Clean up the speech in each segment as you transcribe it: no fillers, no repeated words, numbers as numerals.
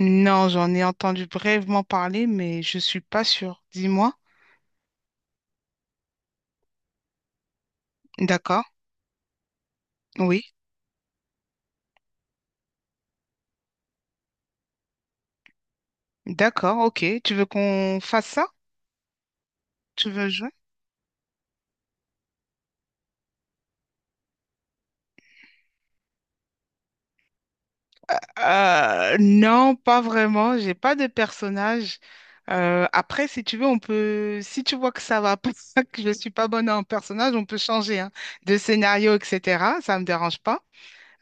Non, j'en ai entendu brièvement parler, mais je suis pas sûre. Dis-moi. D'accord. Oui. D'accord, ok. Tu veux qu'on fasse ça? Tu veux jouer? Non, pas vraiment. J'ai pas de personnage. Après, si tu veux, on peut. Si tu vois que ça va pas, que je suis pas bonne en personnage, on peut changer hein, de scénario, etc. Ça me dérange pas.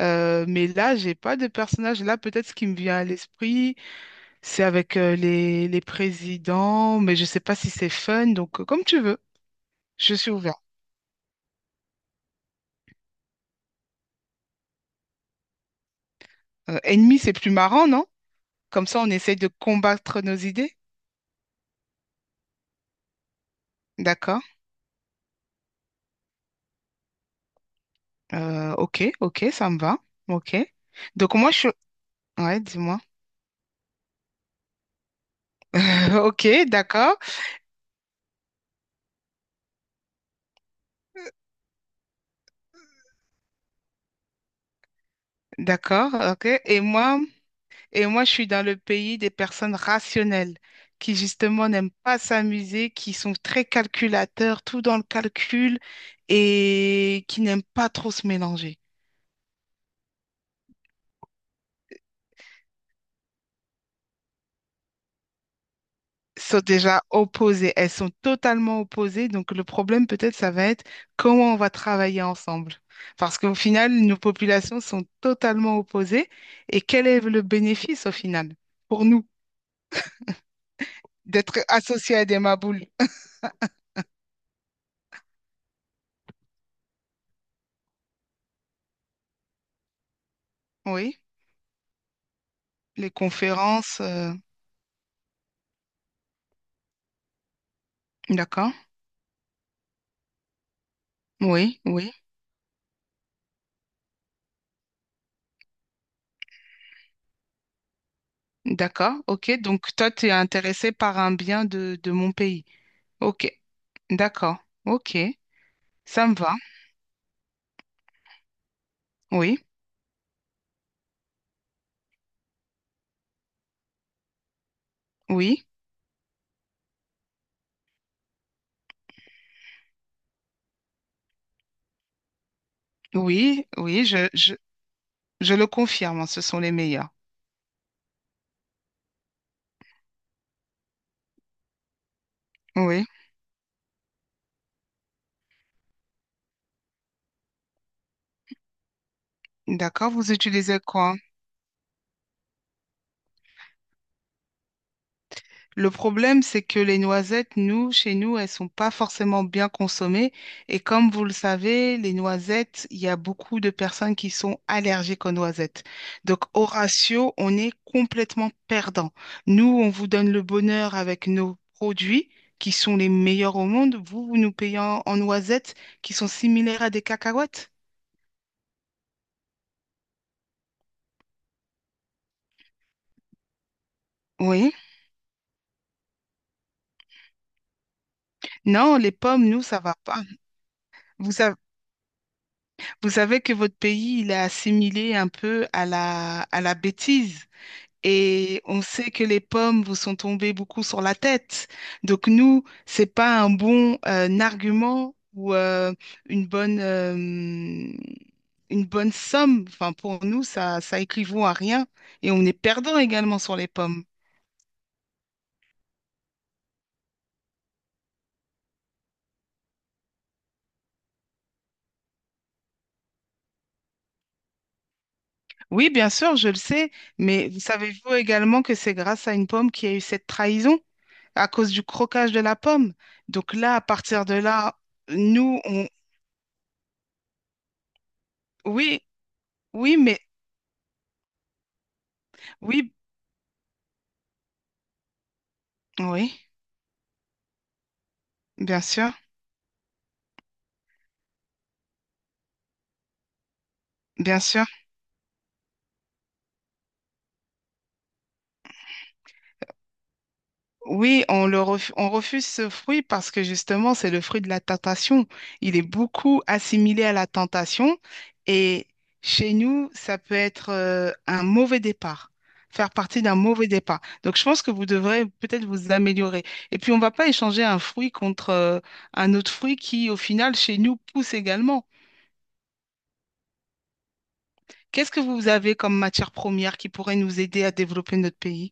Mais là, j'ai pas de personnage. Là, peut-être ce qui me vient à l'esprit. C'est avec les présidents, mais je sais pas si c'est fun, donc comme tu veux, je suis ouvert. Ennemi, c'est plus marrant, non? Comme ça, on essaye de combattre nos idées. D'accord. Ok, ça me va. Ok. Donc moi, je suis... Ouais, dis-moi. Ok, d'accord, d'accord, ok. Et moi, je suis dans le pays des personnes rationnelles qui justement n'aiment pas s'amuser, qui sont très calculateurs, tout dans le calcul et qui n'aiment pas trop se mélanger. Sont déjà opposées. Elles sont totalement opposées. Donc, le problème, peut-être, ça va être comment on va travailler ensemble. Parce qu'au final, nos populations sont totalement opposées. Et quel est le bénéfice, au final, pour nous, d'être associés à des maboules? Oui, les conférences, d'accord. Oui, oui, d'accord. OK. Donc, toi, tu es intéressé par un bien de mon pays. OK, d'accord. OK, ça me va. Oui, oui. Oui, oui, je le confirme, ce sont les meilleurs. Oui, d'accord, vous utilisez quoi? Le problème, c'est que les noisettes, nous, chez nous, elles sont pas forcément bien consommées. Et comme vous le savez, les noisettes, il y a beaucoup de personnes qui sont allergiques aux noisettes. Donc, au ratio, on est complètement perdant. Nous, on vous donne le bonheur avec nos produits qui sont les meilleurs au monde. Vous, vous nous payez en noisettes qui sont similaires à des cacahuètes. Oui. Non, les pommes, nous, ça va pas. Vous savez, vous savez que votre pays, il est assimilé un peu à la bêtise. Et on sait que les pommes vous sont tombées beaucoup sur la tête. Donc nous, c'est pas un bon argument ou une bonne somme. Enfin, pour nous, ça équivaut à rien. Et on est perdant également sur les pommes. Oui, bien sûr, je le sais. Mais vous savez-vous également que c'est grâce à une pomme qu'il y a eu cette trahison? À cause du croquage de la pomme. Donc là, à partir de là, nous, on... Oui, oui, mais oui, oui, bien sûr, bien sûr. Oui, on refuse ce fruit parce que justement, c'est le fruit de la tentation. Il est beaucoup assimilé à la tentation et chez nous, ça peut être un mauvais départ, faire partie d'un mauvais départ. Donc, je pense que vous devrez peut-être vous améliorer. Et puis, on ne va pas échanger un fruit contre un autre fruit qui, au final, chez nous, pousse également. Qu'est-ce que vous avez comme matière première qui pourrait nous aider à développer notre pays?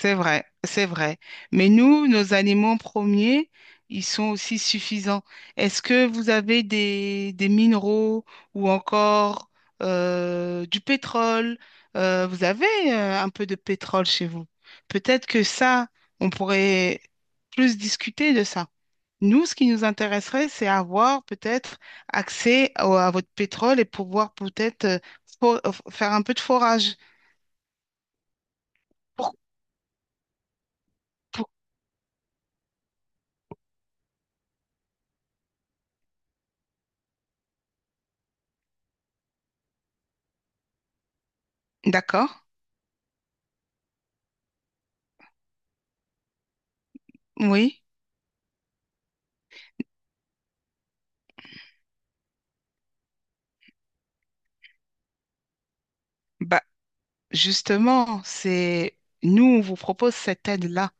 C'est vrai, c'est vrai. Mais nous, nos aliments premiers, ils sont aussi suffisants. Est-ce que vous avez des minéraux ou encore du pétrole? Vous avez un peu de pétrole chez vous. Peut-être que ça, on pourrait plus discuter de ça. Nous, ce qui nous intéresserait, c'est avoir peut-être à votre pétrole et pouvoir peut-être faire un peu de forage. Pour- pour- D'accord? Oui. Justement, c'est nous, on vous propose cette aide-là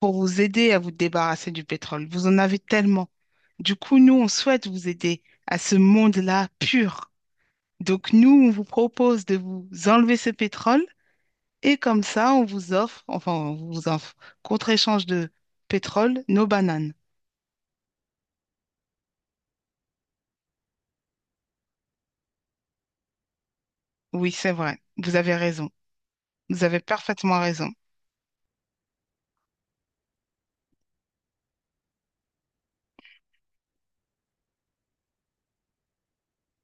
pour vous aider à vous débarrasser du pétrole. Vous en avez tellement. Du coup, nous, on souhaite vous aider à ce monde-là pur. Donc, nous, on vous propose de vous enlever ce pétrole et comme ça, on vous offre, contre-échange de pétrole, nos bananes. Oui, c'est vrai. Vous avez raison. Vous avez parfaitement raison.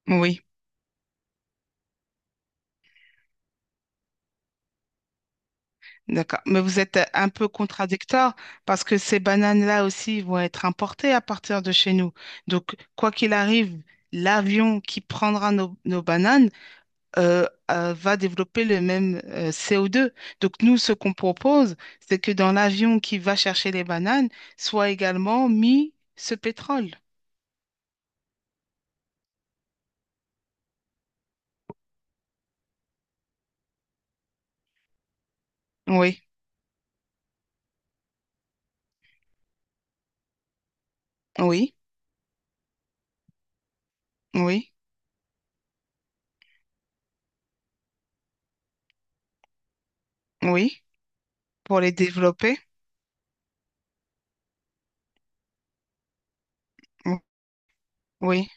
Oui. D'accord. Mais vous êtes un peu contradictoire parce que ces bananes-là aussi vont être importées à partir de chez nous. Donc, quoi qu'il arrive, l'avion qui prendra nos bananes va développer le même CO2. Donc, nous, ce qu'on propose, c'est que dans l'avion qui va chercher les bananes, soit également mis ce pétrole. Oui, oui, oui, oui, pour les développer. Oui.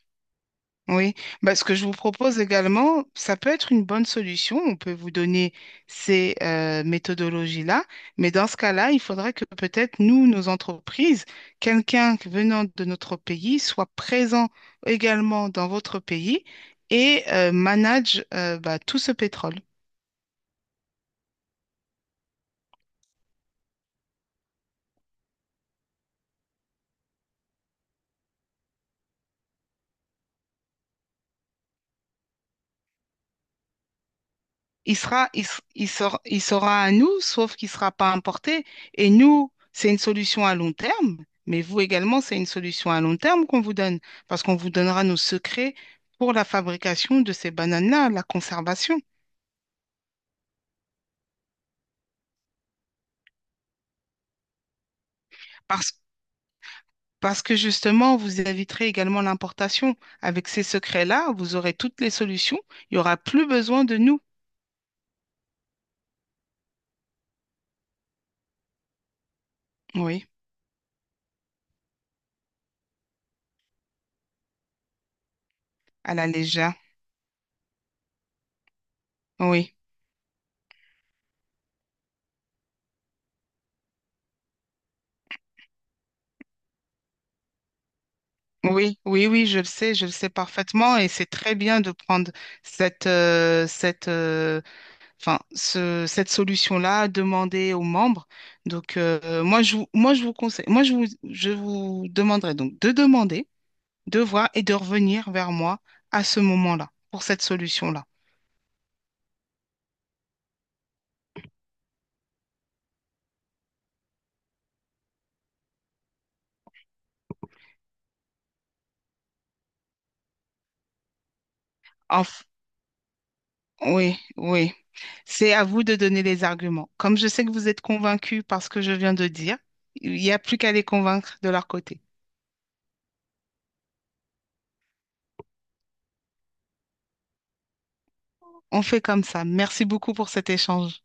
Oui, bah, ce que je vous propose également, ça peut être une bonne solution. On peut vous donner ces méthodologies-là, mais dans ce cas-là, il faudrait que peut-être nous, nos entreprises, quelqu'un venant de notre pays soit présent également dans votre pays et manage bah, tout ce pétrole. Il sera à nous, sauf qu'il ne sera pas importé. Et nous, c'est une solution à long terme, mais vous également, c'est une solution à long terme qu'on vous donne, parce qu'on vous donnera nos secrets pour la fabrication de ces bananes-là, la conservation. Parce, parce que justement, vous éviterez également l'importation. Avec ces secrets-là, vous aurez toutes les solutions. Il n'y aura plus besoin de nous. Oui, à la légère. Oui. Oui, oui, oui, je le sais parfaitement et c'est très bien de prendre cette, euh, cette, euh, cette solution-là, demander aux membres. Donc, moi, je vous conseille, je vous demanderai donc de demander, de voir et de revenir vers moi à ce moment-là pour cette solution-là. Enf- oui, oui, c'est à vous de donner les arguments. Comme je sais que vous êtes convaincus par ce que je viens de dire, il n'y a plus qu'à les convaincre de leur côté. On fait comme ça. Merci beaucoup pour cet échange.